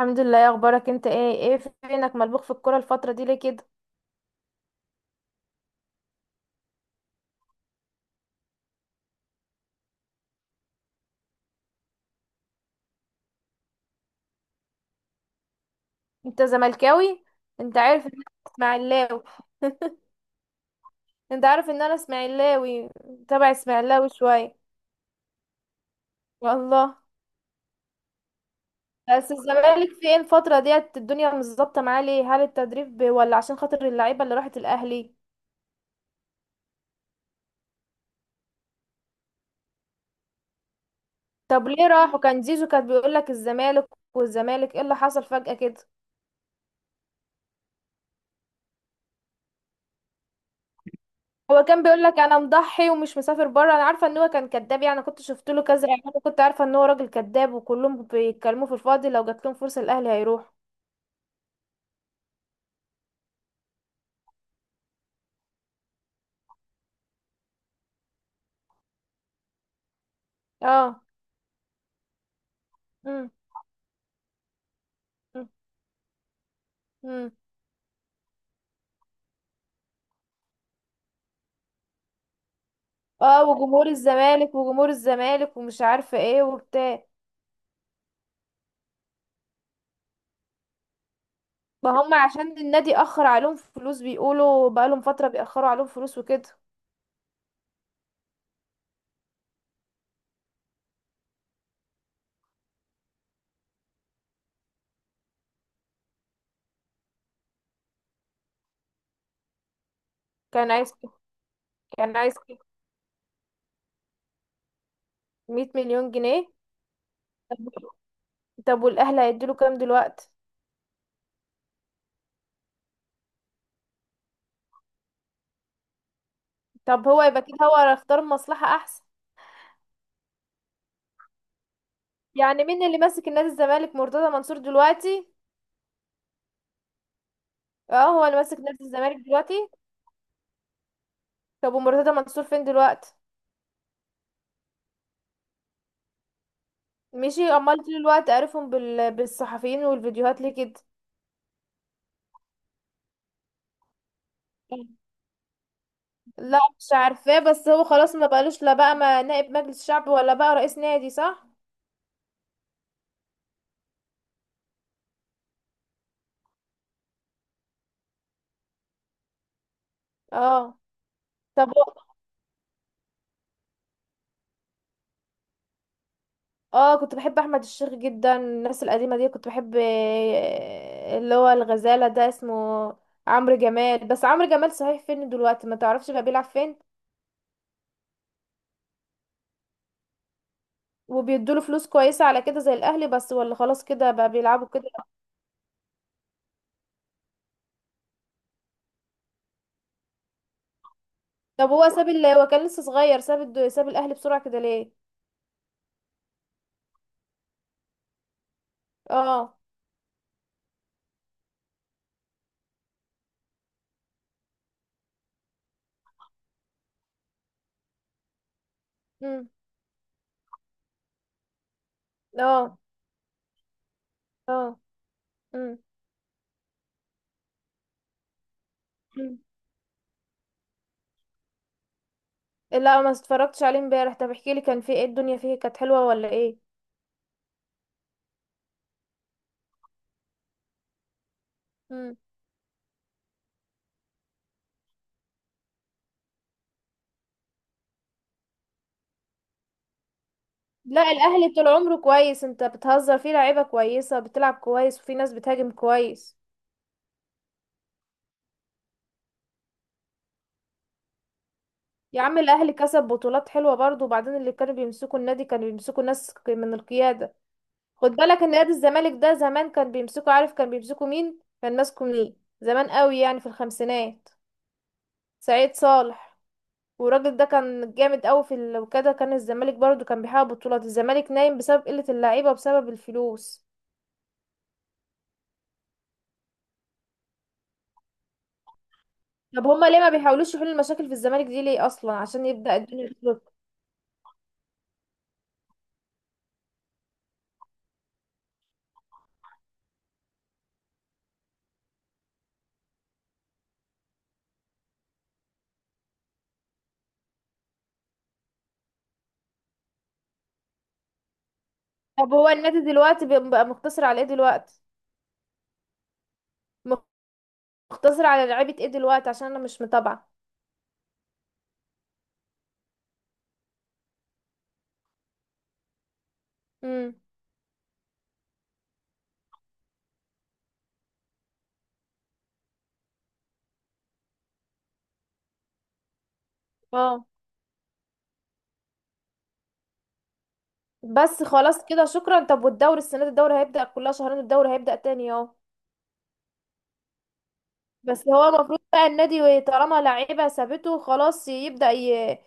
الحمد لله، يا اخبارك انت ايه ايه؟ فينك ملبوخ في الكوره الفتره دي ليه كده؟ انت زملكاوي؟ انت عارف ان انا اسماعيلاوي. انت عارف ان انا اسماعيلاوي، تبع اسماعيلاوي شويه. والله. بس الزمالك فين الفتره ديت؟ الدنيا مش ظابطه معاه ليه؟ هل التدريب ولا عشان خاطر اللعيبه اللي راحت الاهلي؟ طب ليه راحوا؟ كان زيزو كان بيقول لك الزمالك، والزمالك ايه اللي حصل فجاه كده؟ هو كان بيقول لك انا مضحي ومش مسافر بره، انا عارفه ان هو كان كذاب يعني، كنت شفت له كذا اعلان، كنت عارفه ان هو راجل كذاب وكلهم بيتكلموا في الفاضي، لو جات لهم فرصه الاهلي هيروح. اه. امم. امم. اه. وجمهور الزمالك ومش عارفه ايه وبتاع. ما هم عشان النادي اخر عليهم فلوس، بيقولوا بقالهم فتره بيأخروا عليهم فلوس وكده. كان عايز كان عايز 100 مليون جنيه. طب طب والاهلي هيديله كام دلوقتي؟ طب هو يبقى كده هو اختار مصلحه احسن. يعني مين اللي ماسك نادي الزمالك؟ مرتضى منصور دلوقتي؟ اه هو اللي ماسك نادي الزمالك دلوقتي؟ طب ومرتضى منصور فين دلوقتي؟ مشي؟ امال طول الوقت عارفهم بالصحفيين والفيديوهات ليه كده؟ لا مش عارفاه، بس هو خلاص ما بقالوش، لا بقى ما نائب مجلس شعب ولا بقى رئيس نادي، صح؟ اه. طب هو- اه، كنت بحب احمد الشيخ جدا، الناس القديمه دي كنت بحب، اللي هو الغزاله ده اسمه عمرو جمال. بس عمرو جمال صحيح فين دلوقتي؟ ما تعرفش بقى بيلعب فين؟ وبيدوله فلوس كويسة على كده زي الأهلي، بس ولا خلاص كده بقى بيلعبوا كده؟ طب هو ساب ال هو كان لسه صغير، ساب الأهلي بسرعة كده ليه؟ اه. امم. اه. اه. امم. أمم. لا ما اتفرجتش عليه امبارح، طب احكي لي، كان فيه ايه الدنيا؟ فيه كانت حلوة ولا ايه؟ امم. لا الأهلي طول عمره كويس، انت بتهزر فيه، لعيبة كويسة بتلعب كويس وفي ناس بتهاجم كويس. يا عم الأهلي كسب بطولات حلوة برضه، وبعدين اللي كانوا بيمسكوا النادي كانوا بيمسكوا ناس من القيادة. خد بالك ان نادي الزمالك ده زمان كان بيمسكوا، عارف كان بيمسكوا مين؟ كان ماسكه مين؟ زمان قوي يعني في الخمسينات. سعيد صالح. والراجل ده كان جامد قوي وكده كان الزمالك برضو كان بيحقق بطولات. الزمالك نايم بسبب قلة اللعيبة وبسبب الفلوس. طب هما ليه ما بيحاولوش يحلوا المشاكل في الزمالك؟ دي ليه اصلا عشان يبدأ الدنيا تظبط؟ طب هو النادي دلوقتي بقى مقتصر على ايه دلوقتي؟ مقتصر على لعيبة ايه دلوقتي؟ عشان انا مش متابعة. امم. اه. بس خلاص كده، شكرا. طب والدوري السنه دي، الدوري هيبدا كلها شهرين، الدوري هيبدا تاني اهو؟ بس هو المفروض بقى النادي طالما لعيبه سابته خلاص، يبدا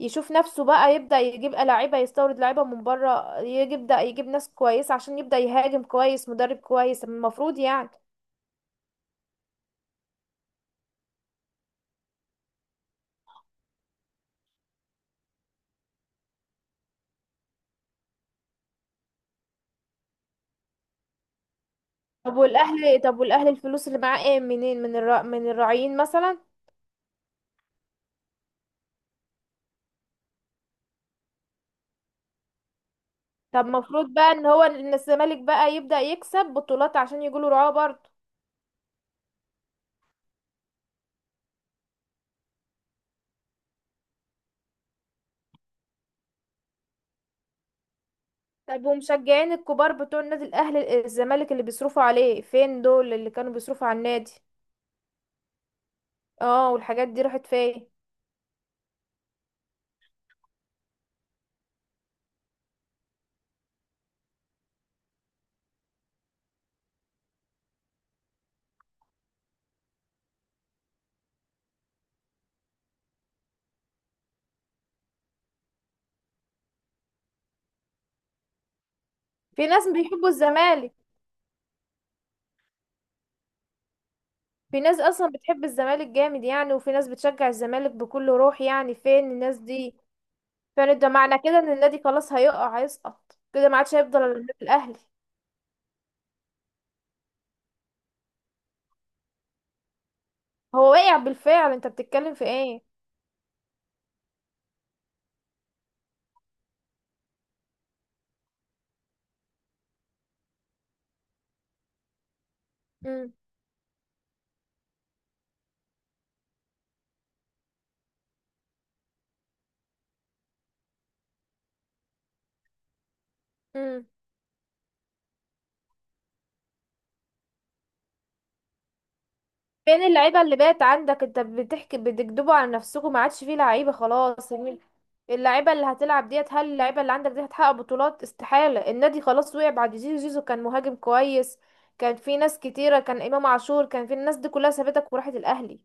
يشوف نفسه بقى، يبدا يجيب لعيبه، يستورد لعيبه من بره، يبدا يجيب ناس كويسه عشان يبدا يهاجم كويس، مدرب كويس المفروض يعني. طب والاهلي الفلوس اللي معاه ايه منين؟ من الراعيين مثلا؟ طب المفروض بقى ان هو ان الزمالك بقى يبدا يكسب بطولات عشان يجيله رعاه برضه. طب ومشجعين الكبار بتوع النادي الاهلي الزمالك اللي بيصرفوا عليه، فين دول اللي كانوا بيصرفوا على النادي؟ اه والحاجات دي راحت فين؟ في ناس بيحبوا الزمالك، في ناس اصلا بتحب الزمالك جامد يعني، وفي ناس بتشجع الزمالك بكل روح يعني، فين الناس دي؟ فين؟ ده معنى كده ان النادي خلاص هيقع، هيسقط كده، ما عادش هيفضل الا النادي الاهلي. هو واقع بالفعل، انت بتتكلم في ايه؟ امم. إمم. فين اللعيبة اللي بقت عندك؟ انت بتحكي، بتكدبوا على نفسكم، ما عادش فيه لعيبة خلاص. اللعيبة اللي هتلعب ديت، هل اللعيبة اللي عندك دي هتحقق بطولات؟ استحالة. النادي خلاص وقع بعد زيزو. زيزو كان مهاجم كويس، كان في ناس كتيرة، كان إمام عاشور، كان في الناس دي كلها سابتك وراحت الأهلي.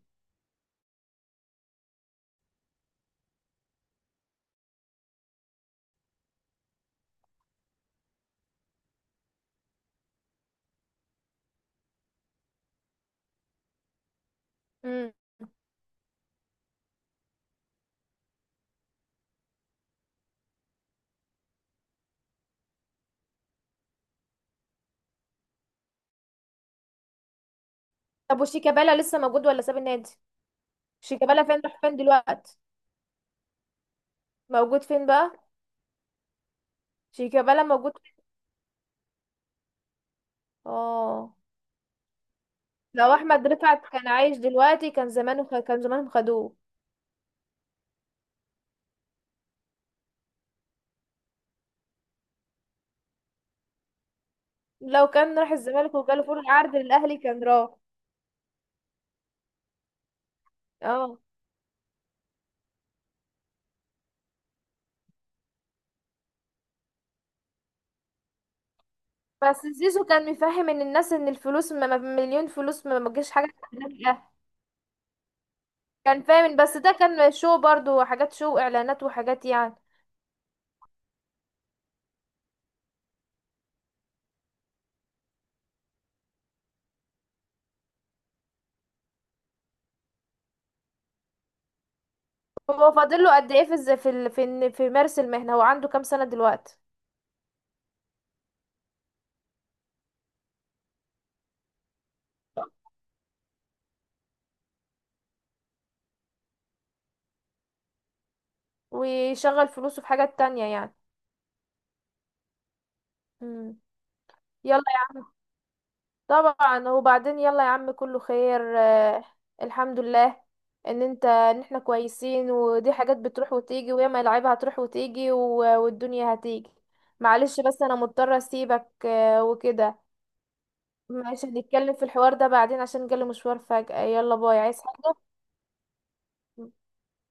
مم. طب وشيكابالا لسه موجود ولا ساب النادي؟ شيكابالا فين؟ راح فين دلوقتي؟ موجود فين بقى؟ شيكابالا موجود فين؟ اه. لو احمد رفعت كان عايش دلوقتي كان زمانه، كان زمانهم خدوه. لو كان راح الزمالك وجاله فرصة عرض للأهلي كان راح. اه. بس زيزو كان مفهم ان الناس ان الفلوس مليون فلوس ما تجيش حاجة تخليك الأهلي. كان فاهم، بس ده كان شو برضو، حاجات شو، اعلانات وحاجات يعني. هو فاضل له قد ايه في الز- في ال- في إن- في مارس المهنة؟ هو عنده كام سنة دلوقتي؟ ويشغل فلوسه في حاجات تانية يعني. مم. يلا. طبعا، وبعدين يلا يا عم كله خير. الحمد لله ان انت ان احنا كويسين، ودي حاجات بتروح وتيجي، وياما العيبة هتروح وتيجي والدنيا هتيجي. معلش بس انا مضطرة اسيبك وكده. ماشي، هنتكلم في الحوار ده بعدين عشان جالي مشوار فجأة. يلا باي. عايز حاجة؟